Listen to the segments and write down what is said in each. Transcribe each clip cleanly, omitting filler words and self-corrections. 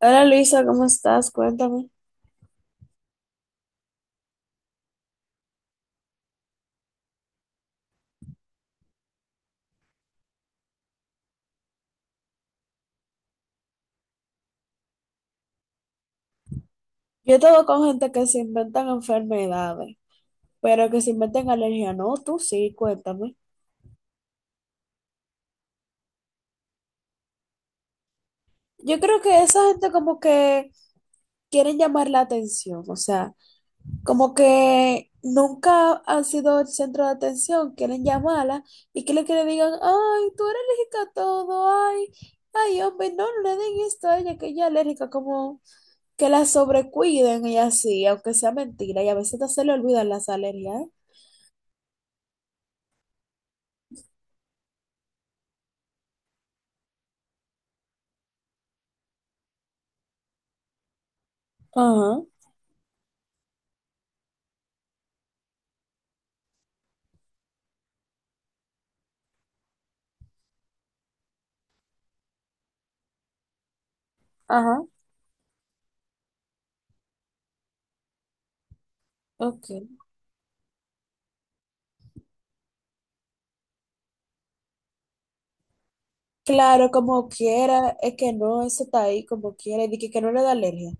Hola Luisa, ¿cómo estás? Cuéntame. Yo he estado con gente que se inventan enfermedades, pero que se inventan alergia. No, tú sí, cuéntame. Yo creo que esa gente como que quieren llamar la atención, o sea, como que nunca han sido el centro de atención, quieren llamarla y que le digan, ay, tú eres alérgica a todo, ay, ay, hombre, no, no le den esto a ella, que ella es alérgica, como que la sobrecuiden y así, aunque sea mentira, y a veces hasta se le olvidan las alergias. ¿Eh? Ajá. Ajá, ok. Claro, como quiera, es que no, eso está ahí como quiera, y dije que no le da alergia,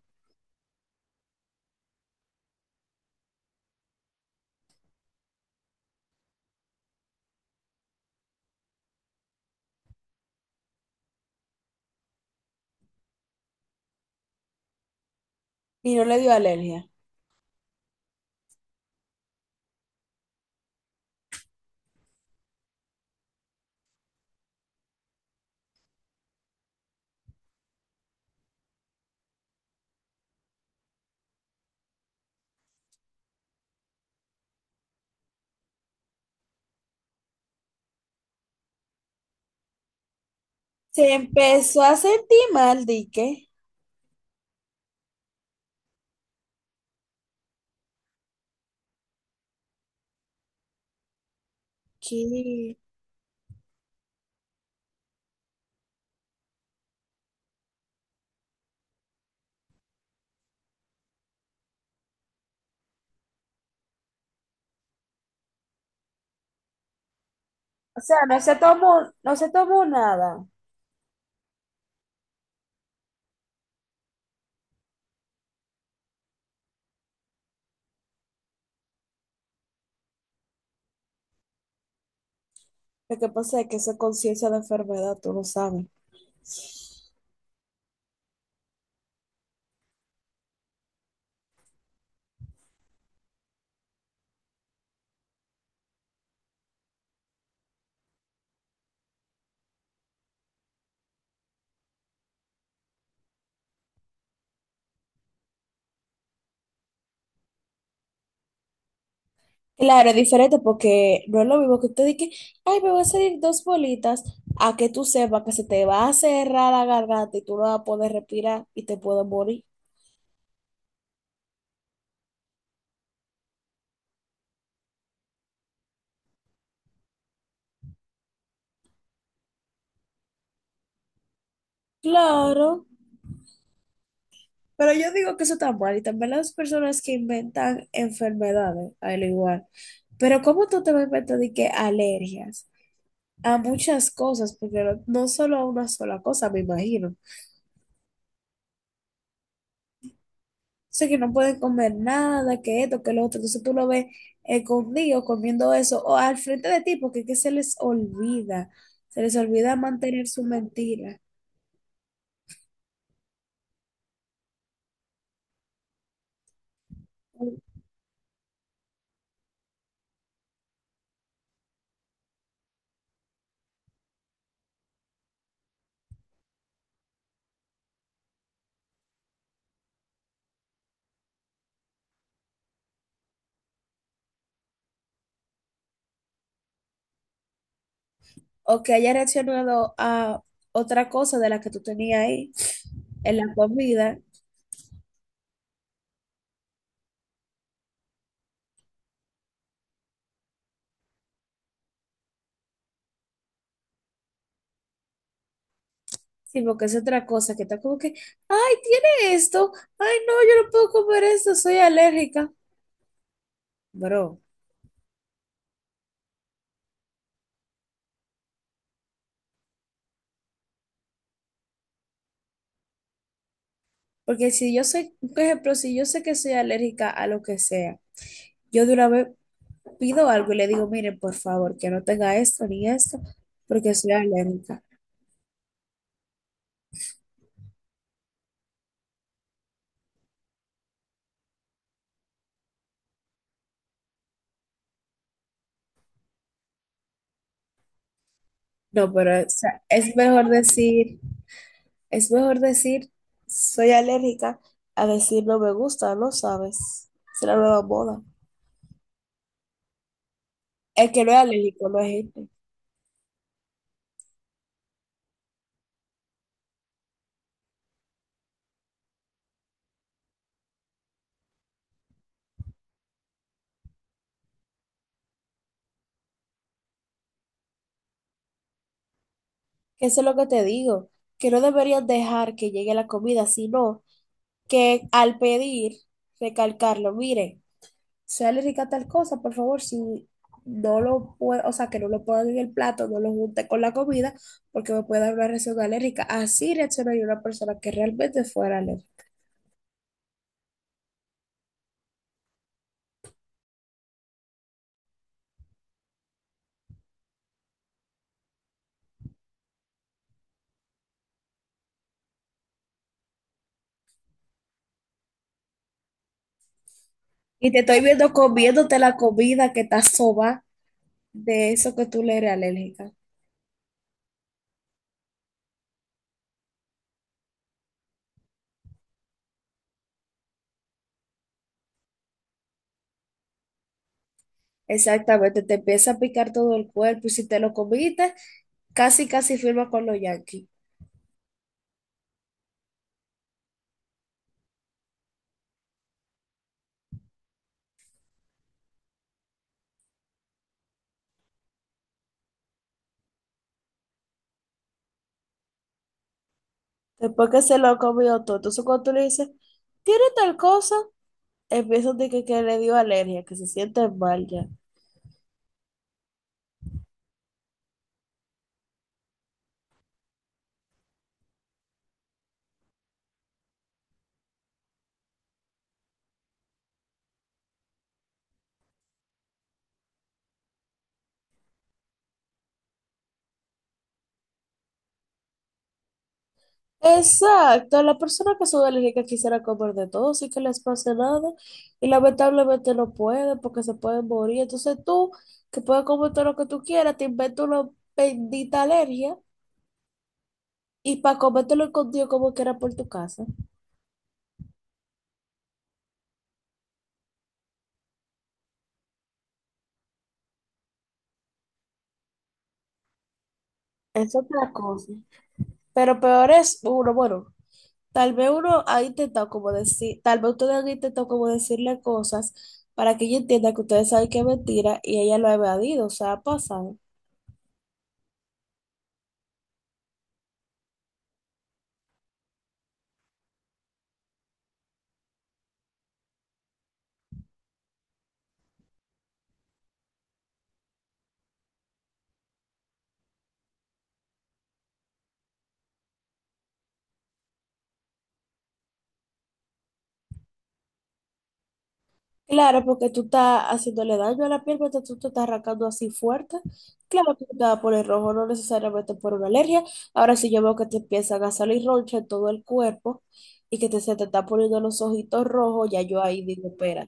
y no le dio alergia. Se empezó a sentir mal, dije, que, o sea, no se tomó nada. Lo que pasa es que eso es conciencia de enfermedad, tú lo sabes. Claro, es diferente porque no es lo mismo que tú digas, ay, me van a salir dos bolitas, a que tú sepas que se te va a cerrar la garganta y tú no vas a poder respirar y te puedes morir. Claro. Pero yo digo que eso está mal y también las personas que inventan enfermedades, al igual. Pero ¿cómo tú te vas a inventar de que alergias a muchas cosas? Porque no solo a una sola cosa, me imagino. Sé que no pueden comer nada, que esto, que lo otro. Entonces tú lo ves escondido comiendo eso o al frente de ti porque es que se les olvida. Se les olvida mantener su mentira o que haya reaccionado a otra cosa de la que tú tenías ahí en la comida. Sí, porque es otra cosa que está como que, ay, tiene esto, ay, no, yo no puedo comer esto, soy alérgica, bro. Porque si yo sé, por ejemplo, si yo sé que soy alérgica a lo que sea, yo de una vez pido algo y le digo, miren, por favor, que no tenga esto ni esto, porque soy alérgica. No, pero o sea, es mejor decir, soy alérgica a decir no me gusta, no sabes. Es la nueva moda. El que no es alérgico no es gente. Eso es lo que te digo, que no deberías dejar que llegue la comida, sino que al pedir, recalcarlo, mire, sale rica tal cosa, por favor, si no lo puedo, o sea, que no lo pongan en el plato, no lo junte con la comida, porque me puede dar una reacción alérgica. Así reaccionaría una persona que realmente fuera alérgica. Y te estoy viendo comiéndote la comida que está soba de eso que tú le eres alérgica. Exactamente, te empieza a picar todo el cuerpo y si te lo comiste, casi casi firma con los yankees. Después que se lo comió todo. Entonces, cuando tú le dices, tiene tal cosa, empiezan de que le dio alergia, que se siente mal ya. Exacto, la persona que son alérgicas quisiera comer de todo, sin que les pase nada, y lamentablemente no puede porque se pueden morir. Entonces, tú, que puedes comer todo lo que tú quieras, te inventas una bendita alergia y para comértelo escondido como quiera por tu casa. Es otra cosa. Pero peor es, uno, bueno, tal vez uno ahí intentado como decir, tal vez ustedes han intentado como decirle cosas para que ella entienda que ustedes saben que es mentira y ella lo ha evadido, o sea, ha pasado. Claro, porque tú estás haciéndole daño a la piel mientras tú te estás arrancando así fuerte. Claro que tú te vas a poner rojo, no necesariamente por una alergia. Ahora sí yo veo que te empiezan a salir roncha en todo el cuerpo y que te, se te está poniendo los ojitos rojos, ya yo ahí digo, espera.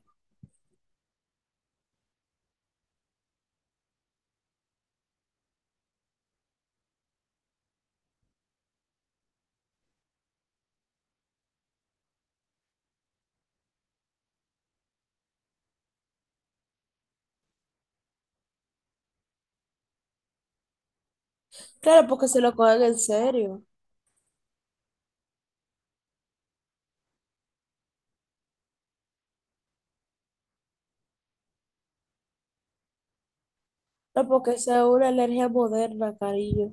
Claro, porque se lo cogen en serio. No, porque esa es una alergia moderna, cariño.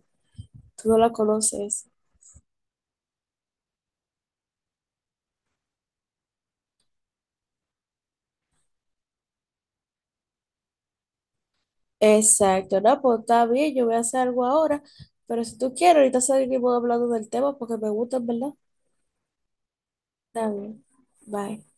Tú no la conoces. Exacto. No, pues está bien, yo voy a hacer algo ahora. Pero si tú quieres, ahorita seguimos hablando del tema porque me gusta, ¿en verdad? Está bien. Bye.